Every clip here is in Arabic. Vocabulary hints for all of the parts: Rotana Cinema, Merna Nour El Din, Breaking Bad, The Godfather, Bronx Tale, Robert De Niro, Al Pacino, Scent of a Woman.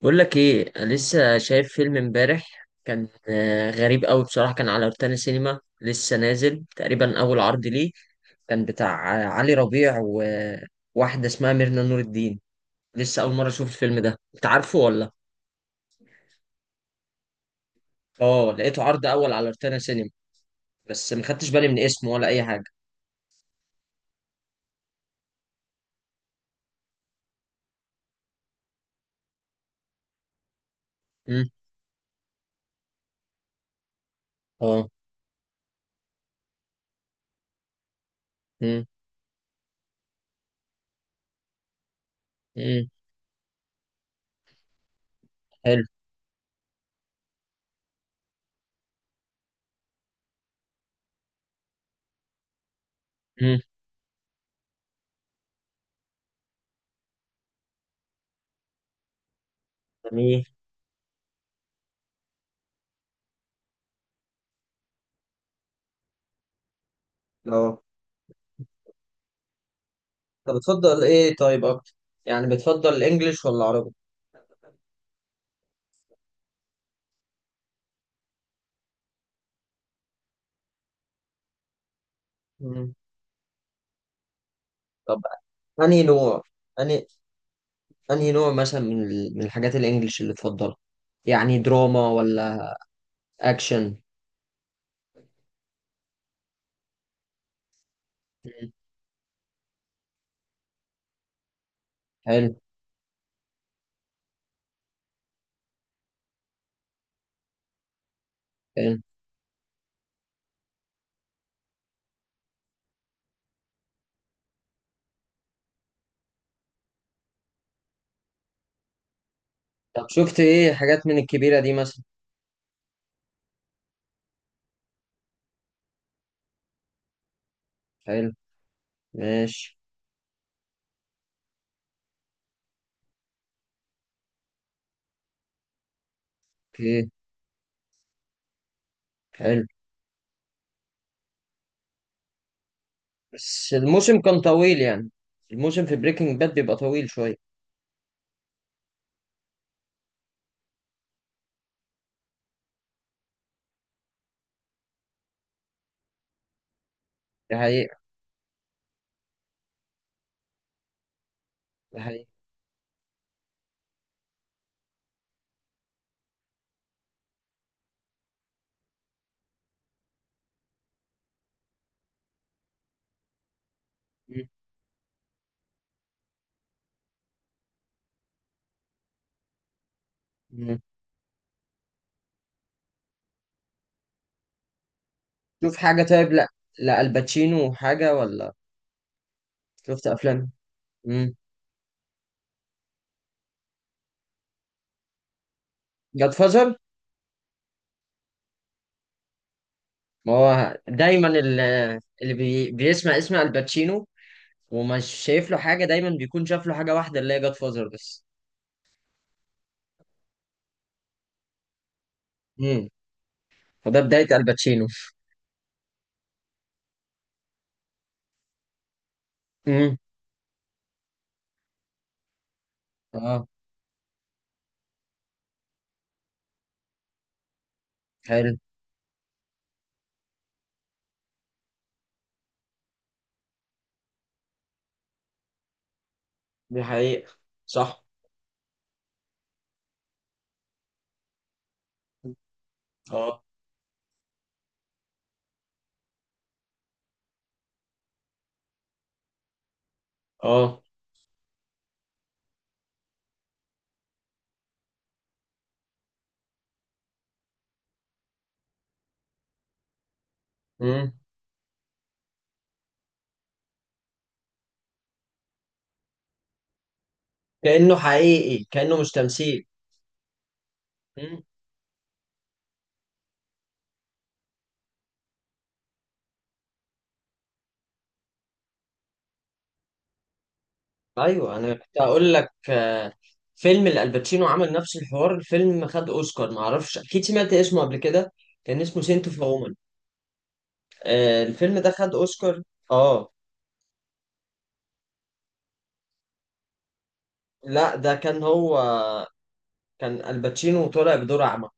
بقول لك ايه، أنا لسه شايف فيلم امبارح. كان غريب قوي بصراحه. كان على روتانا سينما، لسه نازل تقريبا اول عرض ليه. كان بتاع علي ربيع وواحده اسمها ميرنا نور الدين. لسه اول مره اشوف الفيلم ده، انت عارفه ولا؟ اه، لقيته عرض اول على روتانا سينما. بس ما خدتش بالي من اسمه ولا اي حاجه. امم اه. امم امم حلو. امم جميل. اه، طب بتفضل ايه طيب اكتر؟ يعني بتفضل الانجليش ولا العربي؟ طب، انهي نوع؟ انهي انهي نوع مثلا من من الحاجات الانجليش اللي تفضلها؟ يعني دراما ولا اكشن؟ مم. حلو. حلو. طب شفت ايه حاجات من الكبيرة دي مثلا؟ حلو. ماشي. اوكي. حلو، بس الموسم كان طويل يعني. الموسم في بريكنج باد بيبقى طويل شوية. ده حقيقة. ده حقيقة. مم. مم. شوف حاجة، طيب، لا، لا الباتشينو حاجة ولا؟ شفت افلام. امم جاد فازر. ما هو دايما اللي بيسمع اسم الباتشينو ومش شايف له حاجه دايما بيكون شاف له حاجه واحده اللي هي جاد فازر بس. امم. فده بدايه الباتشينو. امم اه. حلو. دي حقيقة. صح. اه. اه. امم. كأنه حقيقي، كأنه مش تمثيل. امم. ايوه، انا كنت هقول لك، فيلم الالباتشينو عمل نفس الحوار. الفيلم خد اوسكار، ما اعرفش، اكيد سمعت اسمه قبل كده. كان اسمه سينت اوف وومن. آه، الفيلم ده خد اوسكار. اه. لا، ده كان هو. كان الباتشينو طالع بدور أعمى.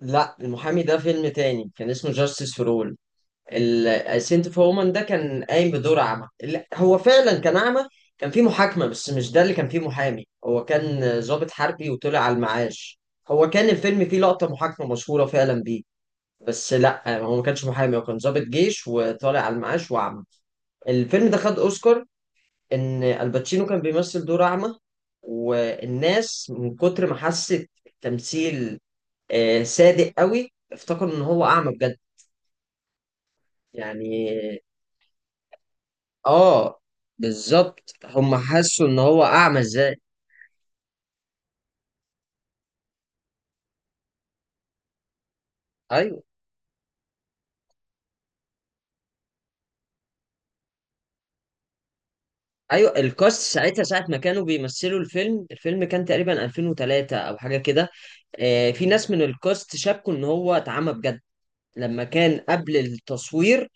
لا، المحامي ده فيلم تاني، كان اسمه جاستس فور اول. السنت اوف وومن ده كان قايم بدور أعمى، لا هو فعلا كان أعمى. كان في محاكمة، بس مش ده اللي كان فيه محامي، هو كان ضابط حربي وطلع على المعاش. هو كان الفيلم فيه لقطة محاكمة مشهورة فعلا بيه. بس لا، هو ما كانش محامي، هو كان ضابط جيش وطالع على المعاش وأعمى. الفيلم ده خد أوسكار، ان الباتشينو كان بيمثل دور اعمى، والناس من كتر ما حست التمثيل صادق قوي، افتكروا ان هو اعمى بجد. يعني اه، بالظبط هم حسوا ان هو اعمى ازاي. ايوه. ايوه، الكاست ساعتها، ساعه ما كانوا بيمثلوا الفيلم، الفيلم كان تقريبا 2003 او حاجه كده. في ناس من الكاست شابكوا ان هو اتعمى بجد. لما كان قبل التصوير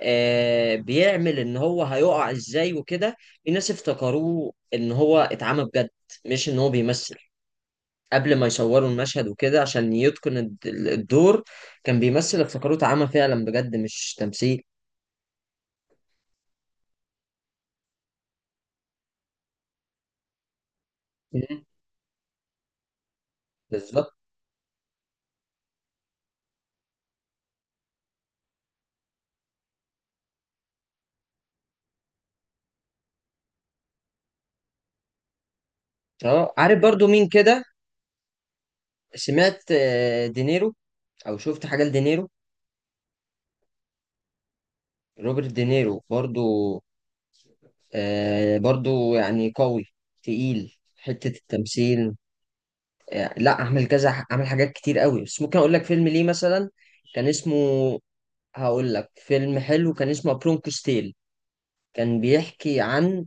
بيعمل ان هو هيقع ازاي وكده، الناس افتكروه ان هو اتعمى بجد، مش ان هو بيمثل. قبل ما يصوروا المشهد وكده عشان يتقن الدور كان بيمثل، افتكروه اتعمى فعلا بجد، مش تمثيل. مم. بالظبط. اه عارف برضو مين كده؟ سمعت دينيرو، او شفت حاجه لدينيرو؟ روبرت دينيرو برضو. آه، برضو يعني قوي، تقيل حته التمثيل. لا، اعمل كذا، اعمل حاجات كتير قوي، بس ممكن اقول لك فيلم ليه مثلا. كان اسمه، هقول لك فيلم حلو، كان اسمه برونكوس تيل. كان بيحكي عن،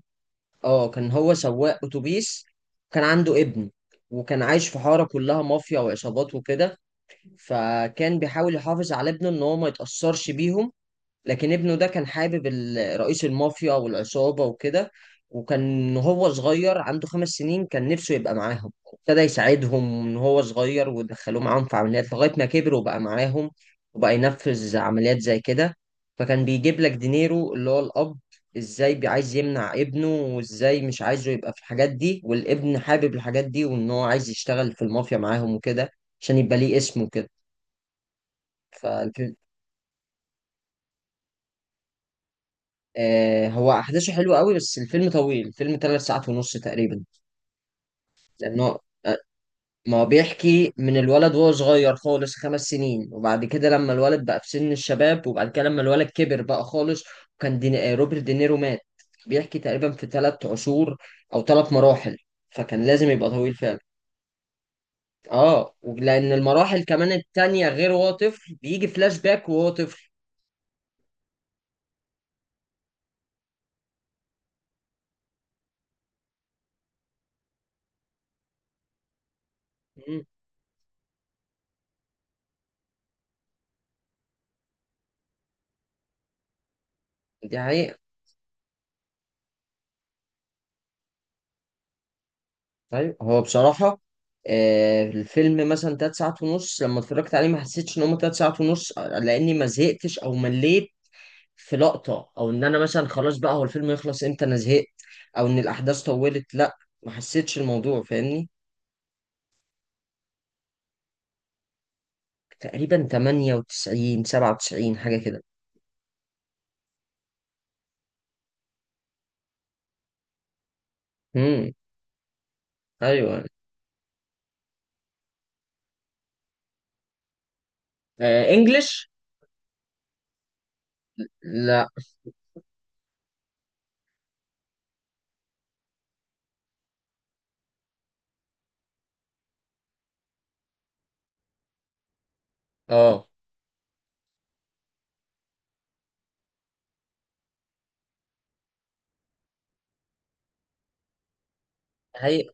اه، كان هو سواق اتوبيس، كان عنده ابن، وكان عايش في حارة كلها مافيا وعصابات وكده. فكان بيحاول يحافظ على ابنه ان هو ما يتأثرش بيهم. لكن ابنه ده كان حابب رئيس المافيا والعصابة وكده. وكان هو صغير عنده 5 سنين، كان نفسه يبقى معاهم، ابتدى يساعدهم من هو صغير، ودخلوه معاهم في عمليات لغاية ما كبر وبقى معاهم. وبقى ينفذ عمليات زي كده. فكان بيجيب لك دينيرو اللي هو الأب، ازاي عايز يمنع ابنه، وازاي مش عايزه يبقى في الحاجات دي، والابن حابب الحاجات دي وان هو عايز يشتغل في المافيا معاهم وكده، عشان يبقى ليه اسم وكده. آه هو احداثه حلوه قوي، بس الفيلم طويل، الفيلم 3 ساعات ونص تقريبا. لانه آه، ما هو بيحكي من الولد وهو صغير خالص، 5 سنين، وبعد كده لما الولد بقى في سن الشباب، وبعد كده لما الولد كبر بقى خالص. وكان دين... آه، روبرت دينيرو مات. بيحكي تقريبا في 3 عصور، او 3 مراحل، فكان لازم يبقى طويل فعلا. اه، لان المراحل كمان التانية غير وهو طفل بيجي فلاش باك وهو طفل. مم. دي حقيقة. طيب هو بصراحة، الفيلم مثلا 3 ساعات ونص، لما اتفرجت عليه ما حسيتش ان هما 3 ساعات ونص، لاني ما زهقتش او مليت في لقطة، او ان انا مثلا خلاص بقى، هو الفيلم يخلص امتى، انا زهقت، او ان الاحداث طولت، لا، ما حسيتش الموضوع، فاهمني. تقريبا 98 97 حاجة كده. امم. ايوه. آه انجلش. لا. اه. هي.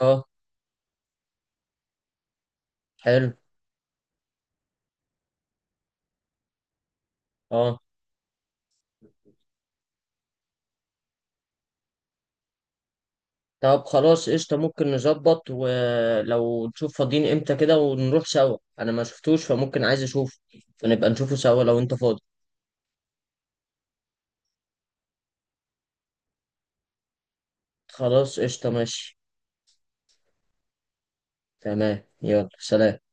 اه. حلو. اه طب خلاص، قشطة، ممكن نظبط ولو نشوف فاضيين امتى كده ونروح سوا، انا ما شفتوش فممكن عايز اشوفه، فنبقى نشوفه سوا لو انت فاضي. خلاص، قشطة، ماشي. تمام، يلا، سلام.